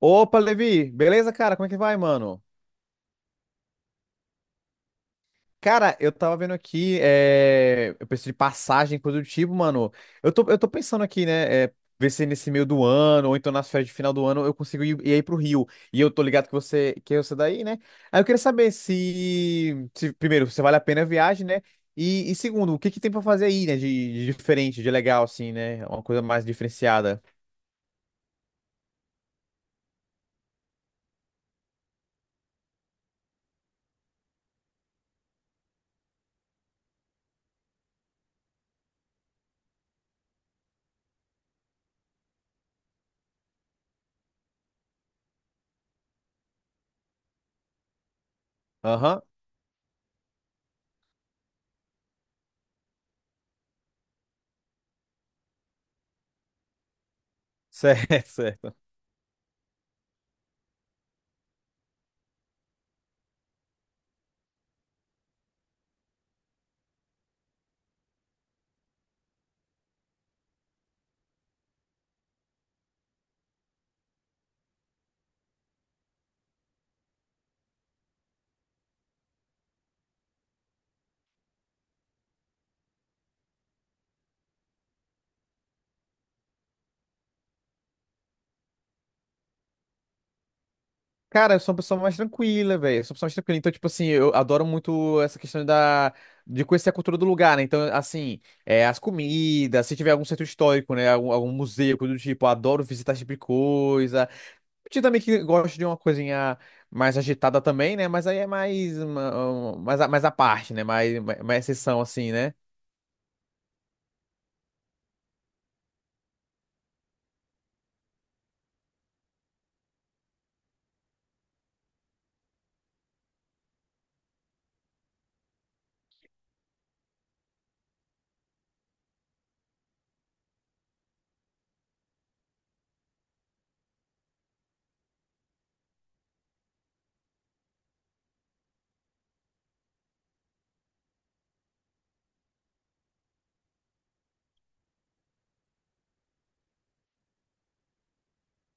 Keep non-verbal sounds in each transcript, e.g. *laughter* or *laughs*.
Opa, Levi, beleza, cara? Como é que vai, mano? Cara, eu tava vendo aqui, eu preciso de passagem, coisa do tipo, mano. Eu tô pensando aqui, né? Ver se nesse meio do ano, ou então nas férias de final do ano, eu consigo ir aí pro Rio. E eu tô ligado que é você daí, né? Aí eu queria saber se primeiro, se vale a pena a viagem, né? E segundo, o que que tem pra fazer aí, né? De diferente, de legal, assim, né? Uma coisa mais diferenciada. Aham. *laughs* Certo, certo. Cara, eu sou uma pessoa mais tranquila, velho. Eu sou uma pessoa mais tranquila. Então, tipo assim, eu adoro muito essa questão da de conhecer a cultura do lugar, né? Então, assim, as comidas, se tiver algum centro histórico, né? Algum museu, coisa do tipo, eu adoro visitar esse tipo de coisa. Eu também que gosto de uma coisinha mais agitada também, né? Mas aí é mais à parte, né? Mais exceção, assim, né?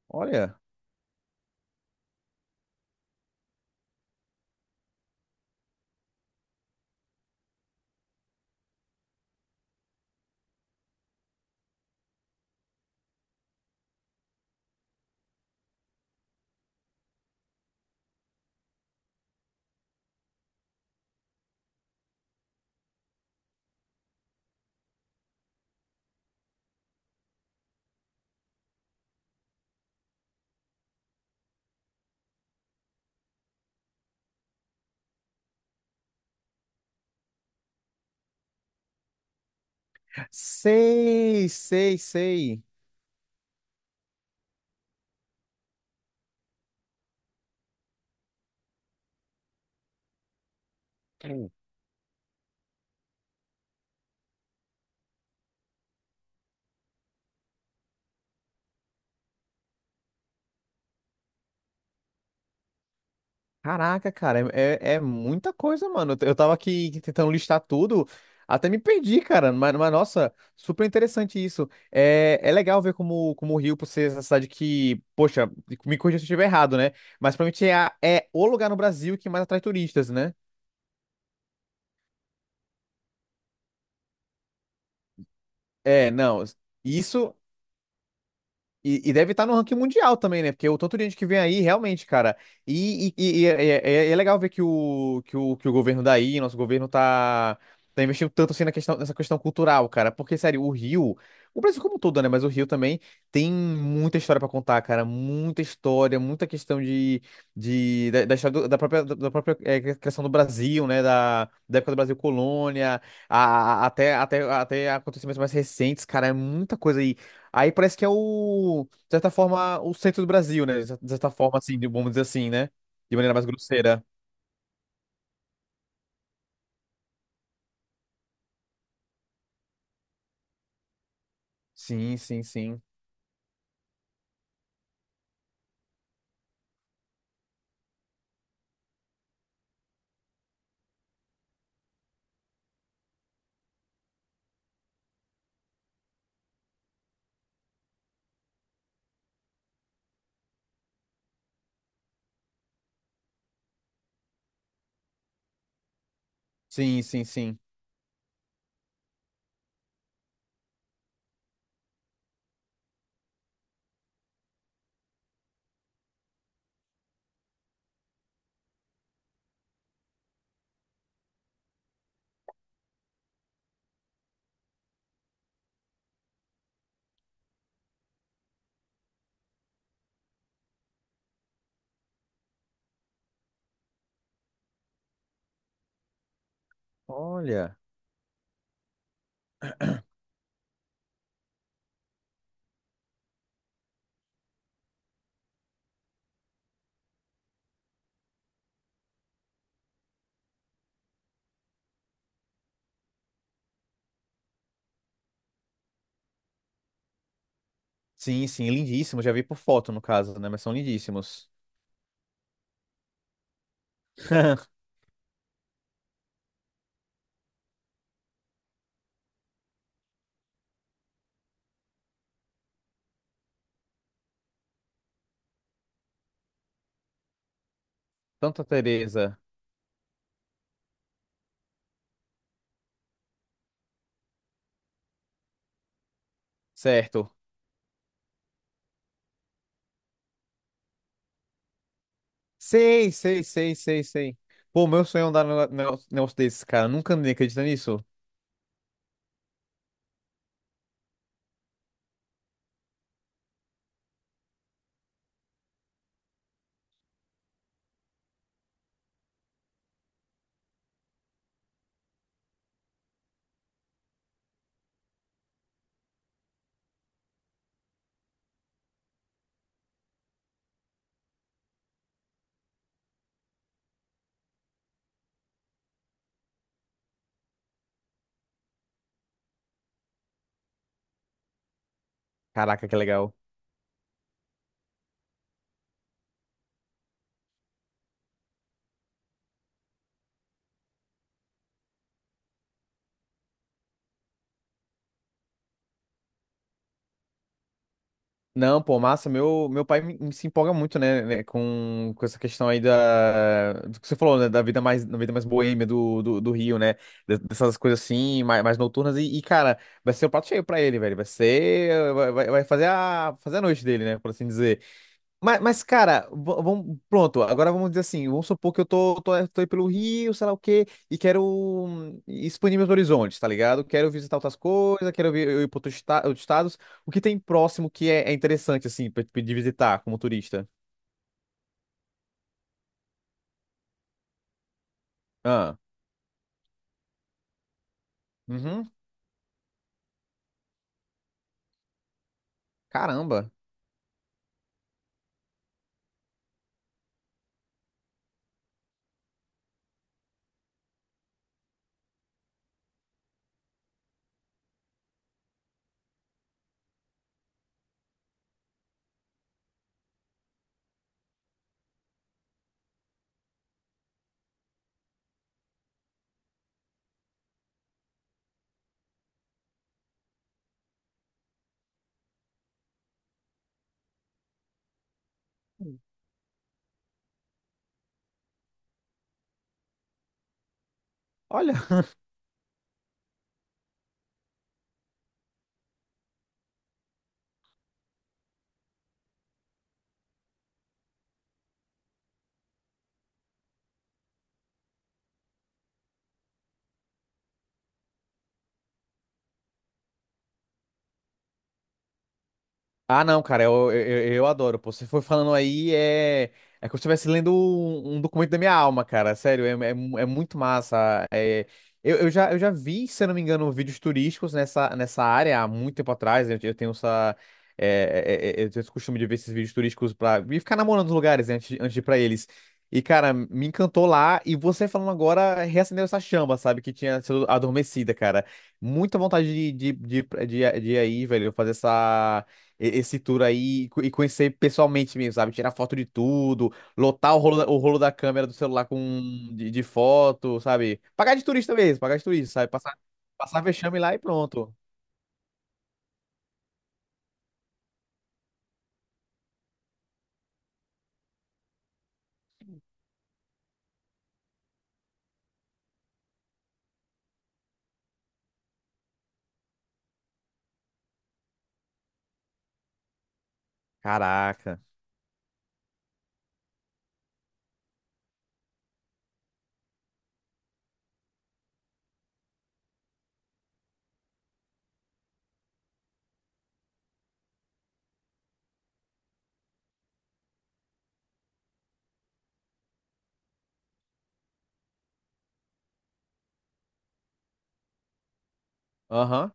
Olha. Sei, sei, sei. Caraca, cara, é muita coisa, mano. Eu tava aqui tentando listar tudo, até me perdi, cara. Nossa, super interessante isso. É, é legal ver como o Rio, por ser essa cidade que, poxa, me corrija se eu estiver errado, né? Mas provavelmente é o lugar no Brasil que mais atrai turistas, né? É, não, isso. E deve estar no ranking mundial também, né? Porque o tanto de gente que vem aí, realmente, cara. É legal ver que o governo daí, nosso governo, tá investindo tanto assim nessa questão cultural, cara. Porque, sério, o Rio, o Brasil como um todo, né? Mas o Rio também tem muita história pra contar, cara. Muita história, muita questão da história da própria criação do Brasil, né? Da época do Brasil colônia, até acontecimentos mais recentes, cara. É muita coisa aí. Aí parece que é o, de certa forma, o centro do Brasil, né? De certa forma, assim, vamos dizer assim, né? De maneira mais grosseira. Sim, sim, sim. Sim, sim, sim. Olha. Sim, sim, lindíssimo. Já vi por foto, no caso, né? Mas são lindíssimos. *laughs* Santa Teresa. Certo. Sei, sei, sei, sei, sei. Pô, meu sonho é andar num negócio desse, cara. Nunca andei, acredita nisso? Caraca, que legal. Não, pô, massa. Meu pai me- me se empolga muito, né, com essa questão aí da, do que você falou, né, da vida mais boêmia do Rio, né, dessas coisas assim, mais noturnas. Cara, vai ser o prato cheio pra ele, velho. Vai ser, vai, vai vai fazer a, fazer a noite dele, né, por assim dizer. Cara, vamos, pronto, agora vamos dizer assim, vamos supor que eu tô aí pelo Rio, sei lá o quê, e quero expandir meus horizontes, tá ligado? Quero visitar outras coisas, quero vi- eu ir para outros, outros estados. O que tem próximo é interessante, assim, pra, pra de visitar como turista? Ah, uhum, caramba, olha. Ah, não, cara, eu adoro, pô. Você foi falando aí, é como se eu estivesse lendo um documento da minha alma, cara. Sério, é muito massa. Eu já vi, se eu não me engano, vídeos turísticos nessa área há muito tempo atrás. Eu tenho essa. Eu tenho esse costume de ver esses vídeos turísticos pra. E ficar namorando os lugares, né, antes de ir pra eles. E, cara, me encantou lá. E você falando agora reacendeu essa chama, sabe? Que tinha sido adormecida, cara. Muita vontade de ir aí, velho, fazer esse tour aí e conhecer pessoalmente mesmo, sabe? Tirar foto de tudo, lotar o rolo da câmera do celular com de foto, sabe? Pagar de turista mesmo, pagar de turista, sabe? Passar vexame lá e pronto. Caraca. Aham.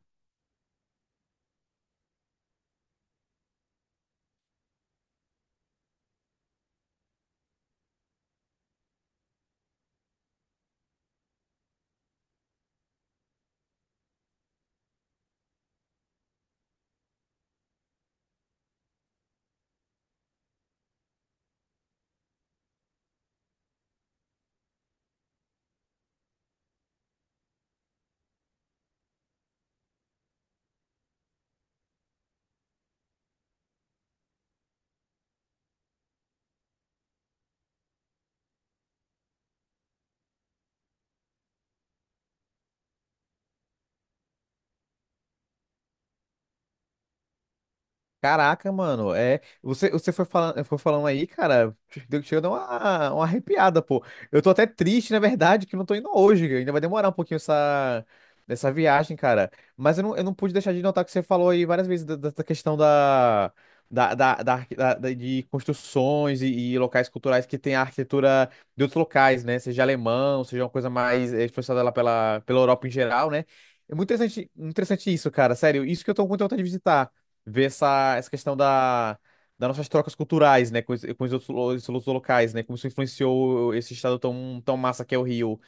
Caraca, mano, você foi falando aí, cara, chegou a dar uma arrepiada, pô. Eu tô até triste, na verdade, que eu não tô indo hoje, que ainda vai demorar um pouquinho essa viagem, cara. Mas eu não pude deixar de notar que você falou aí várias vezes dessa questão da, da, da, da arqui- da- da- de construções e locais culturais que tem a arquitetura de outros locais, né? Seja alemão, seja uma coisa mais expressada lá pela, pela Europa em geral, né? É muito interessante, interessante isso, cara, sério, isso que eu tô com muita vontade de visitar ver essa questão das nossas trocas culturais, né, com os outros, os outros locais, né, como isso influenciou esse estado tão massa que é o Rio.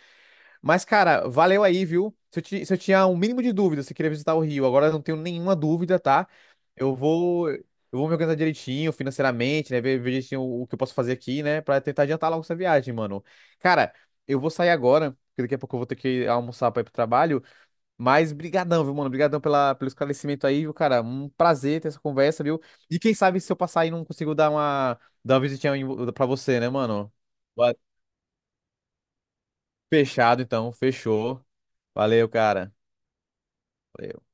Mas, cara, valeu aí, viu? Se eu, se eu tinha um mínimo de dúvida se eu queria visitar o Rio, agora eu não tenho nenhuma dúvida, tá? Eu vou me organizar direitinho, financeiramente, né, ver direitinho o que eu posso fazer aqui, né, pra tentar adiantar logo essa viagem, mano. Cara, eu vou sair agora, porque daqui a pouco eu vou ter que almoçar pra ir pro trabalho. Mas brigadão, viu, mano? Brigadão pela, pelo esclarecimento aí, viu, cara? Um prazer ter essa conversa, viu? E quem sabe se eu passar aí não consigo dar uma visitinha pra você, né, mano? Va- Fechado, então. Fechou. Valeu, cara. Valeu.